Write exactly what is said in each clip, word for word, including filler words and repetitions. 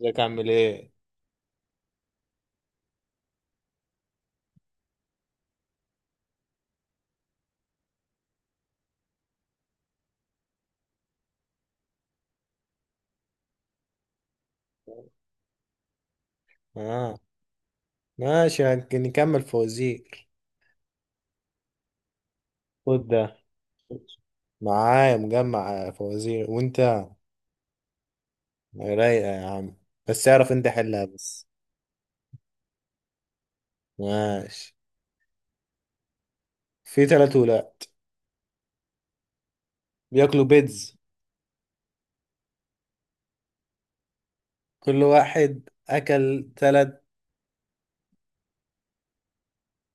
ازيك، عامل ايه؟ اه. ماشي، هنك- نكمل فوازير. خد ده. معايا مجمع فوازير، وانت رايقة يا عم. بس اعرف انت حلها بس. ماشي، في تلات ولاد بياكلوا بيتز، كل واحد اكل تلات.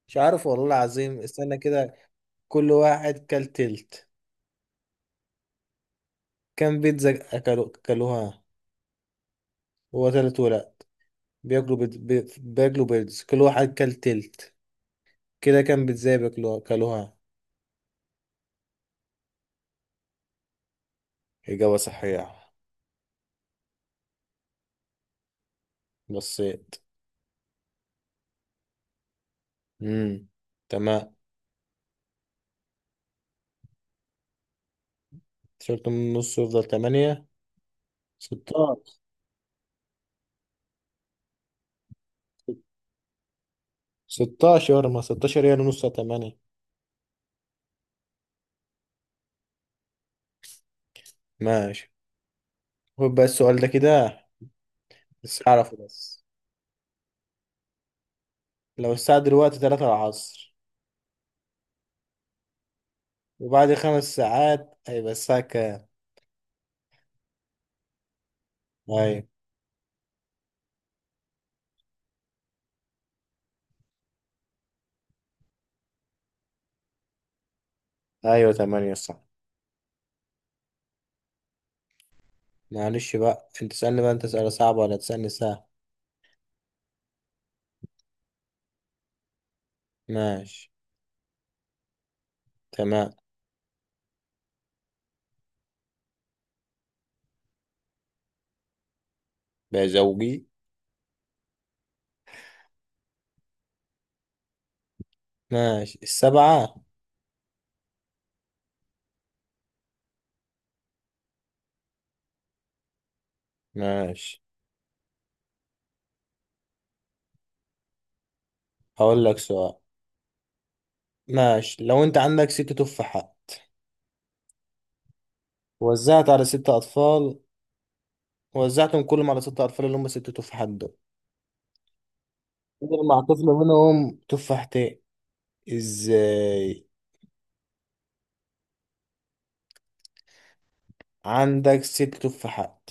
مش عارف والله العظيم، استنى كده. كل واحد كل تلت. كم بيتزا اكلوا اكلوها؟ هو تلات ولاد بياكلوا بيتز بي- بياكلوا بيتز، كل واحد كل تلت، كده كم بيتزا بياكلوها اكلوها؟ إجابة صحيحة. بصيت. امم تمام. تيشيرت من النص يفضل تمانية. ستاشر. ستاشر، ما ستاشر هي نص تمانية. ماشي. خد بقى السؤال ده كده. بس أعرفه بس. لو الساعة دلوقتي تلاتة العصر، وبعد خمس ساعات هيبقى الساعة كام؟ أيوة. أيوة تمانية صح. معلش بقى، أنت تسألني بقى أنت سؤال صعب ولا تسألني سهل. ماشي. تمام. بقى زوجي. ماشي السبعة. ماشي، هقول لك سؤال. ماشي، لو انت عندك ست تفاحات، وزعت على ست اطفال، وزعتهم كلهم على ست اطفال اللي هم ست تفاحات دول، فضل مع طفل منهم تفاحتين. ازاي؟ عندك ست تفاحات،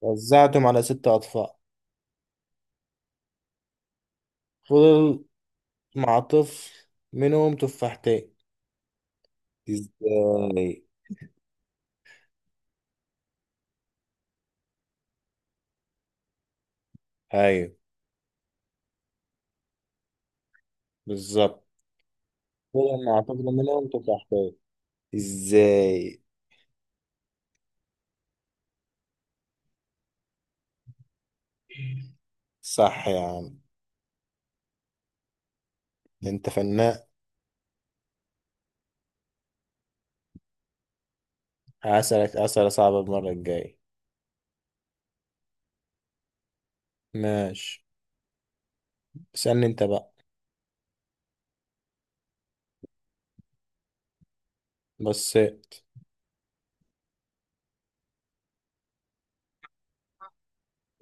وزعتهم على ست اطفال، فضل مع طفل منهم تفاحتين. ازاي؟ ايوه بالظبط. فضل مع طفل منهم تفاحتين. ازاي؟ صح يا عم. انت فنان. هسألك اسئله صعبه المره الجايه. ماشي. استنى انت بقى. بصيت.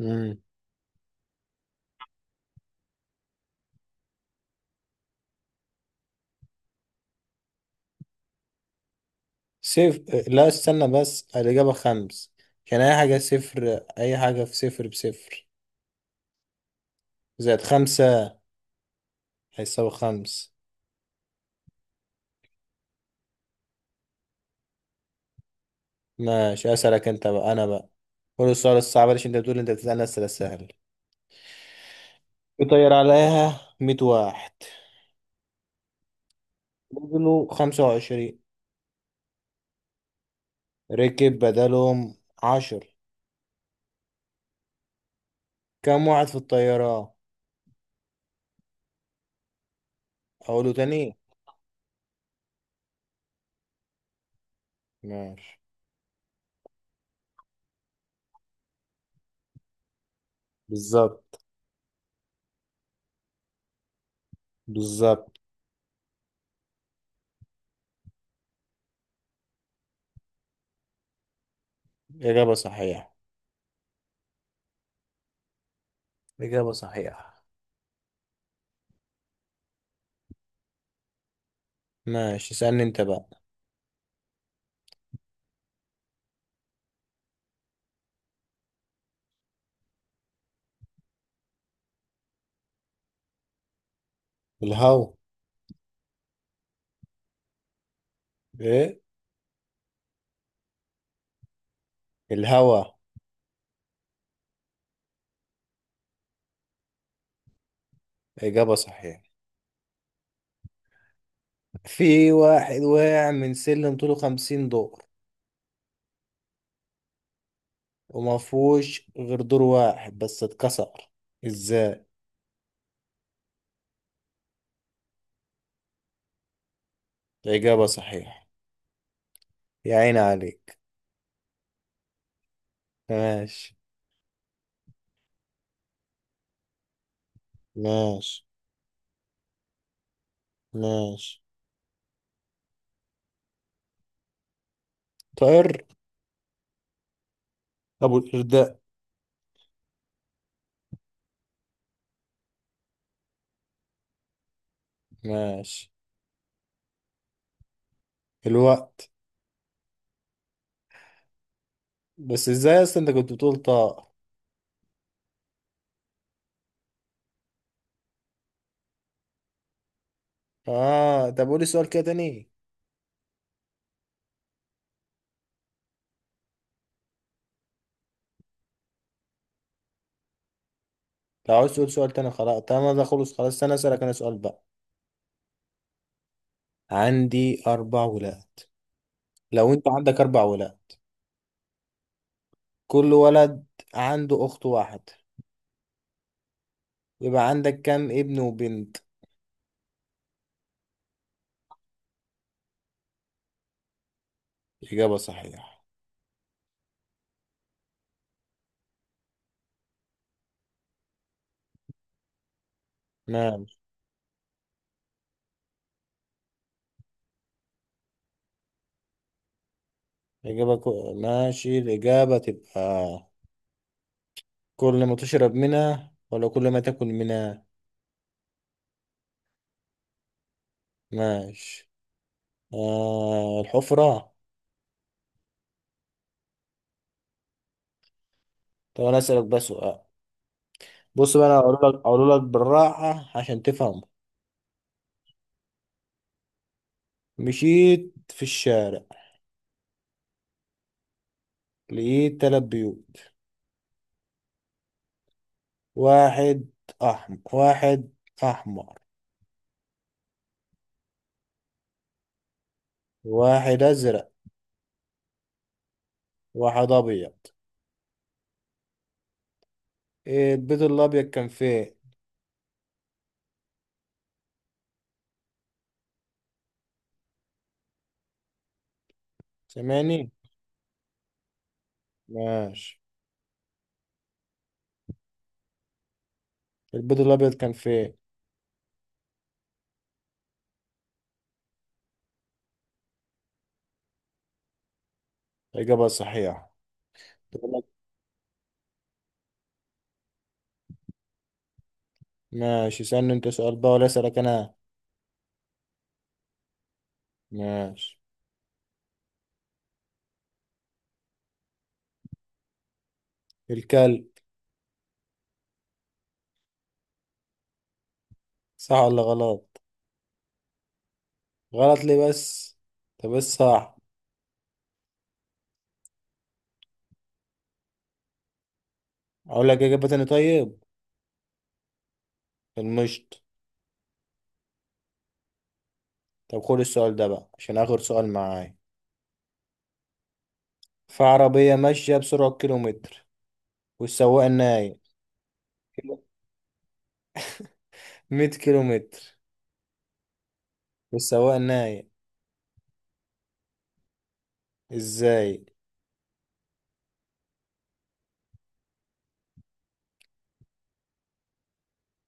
امم صفر. لا استنى بس، الإجابة خمس. كان أي حاجة، صفر أي حاجة في صفر بصفر، زائد خمسة، هيساوي خمس. ماشي، أسألك أنت بقى أنا بقى. قول السؤال الصعب، عشان أنت بتقول أنت بتسألني أسئلة سهلة. يطير عليها مية واحد، وزنه خمسة وعشرين، ركب بدلهم عشر. كم واحد في الطيارة؟ أقوله تاني. ماشي. بالظبط. بالظبط. إجابة صحيحة. إجابة صحيحة. ماشي، اسألني انت بقى. الهوا. ايه؟ الهوا. إجابة صحيحة. في واحد وقع من سلم طوله خمسين دور، وما فيهوش غير دور واحد بس اتكسر. ازاي؟ إجابة صحيحة. يا عيني عليك. ماشي. ماشي. ماشي. طائر. أبو الإرداء. ماشي. الوقت. بس ازاي أصلا انت كنت بتقول طائر؟ اه. طب قولي سؤال كده تاني. لو عايز تقول سؤال تاني خلاص، تمام ده خلص خلاص، انا اسألك انا سؤال بقى. عندي أربع ولاد. لو أنت عندك أربع ولاد، كل ولد عنده أخت واحد، يبقى عندك كام ابن وبنت؟ إجابة صحيحة. ماشي. إجابة كو... ماشي، الإجابة تبقى، كل ما تشرب منها ولا كل ما تاكل منها؟ ماشي. آه، الحفرة. طب أنا أسألك بس سؤال. بص بقى، أنا هقول لك هقول لك بالراحة عشان تفهم. مشيت في الشارع، لقيت تلات بيوت. واحد أحمر واحد أحمر، واحد ازرق، واحد ابيض. إيه البيض الابيض كان فين؟ سامعني؟ ماشي. البيض الابيض كان فين؟ اجابه صحيحه. تقول لك. ماشي، سألني انت سؤال بقى ولا اسالك انا. ماشي. الكلب. صح ولا غلط؟ غلط ليه بس؟ طب بس صح. اقول لك اجابه تاني طيب؟ المشط. طب خد السؤال ده بقى، عشان اخر سؤال معايا. في عربيه ماشيه بسرعه كيلومتر، والسواق نايم. مية كيلومتر، والسواق نايم. ازاي؟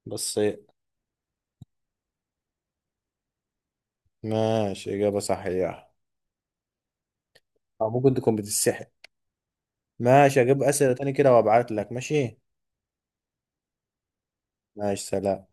بس. ماشي، إجابة صحيحة. أو ممكن تكون بتتسحب. ماشي، أجيب أسئلة تاني كده وأبعت لك، ماشي؟ ماشي، سلام.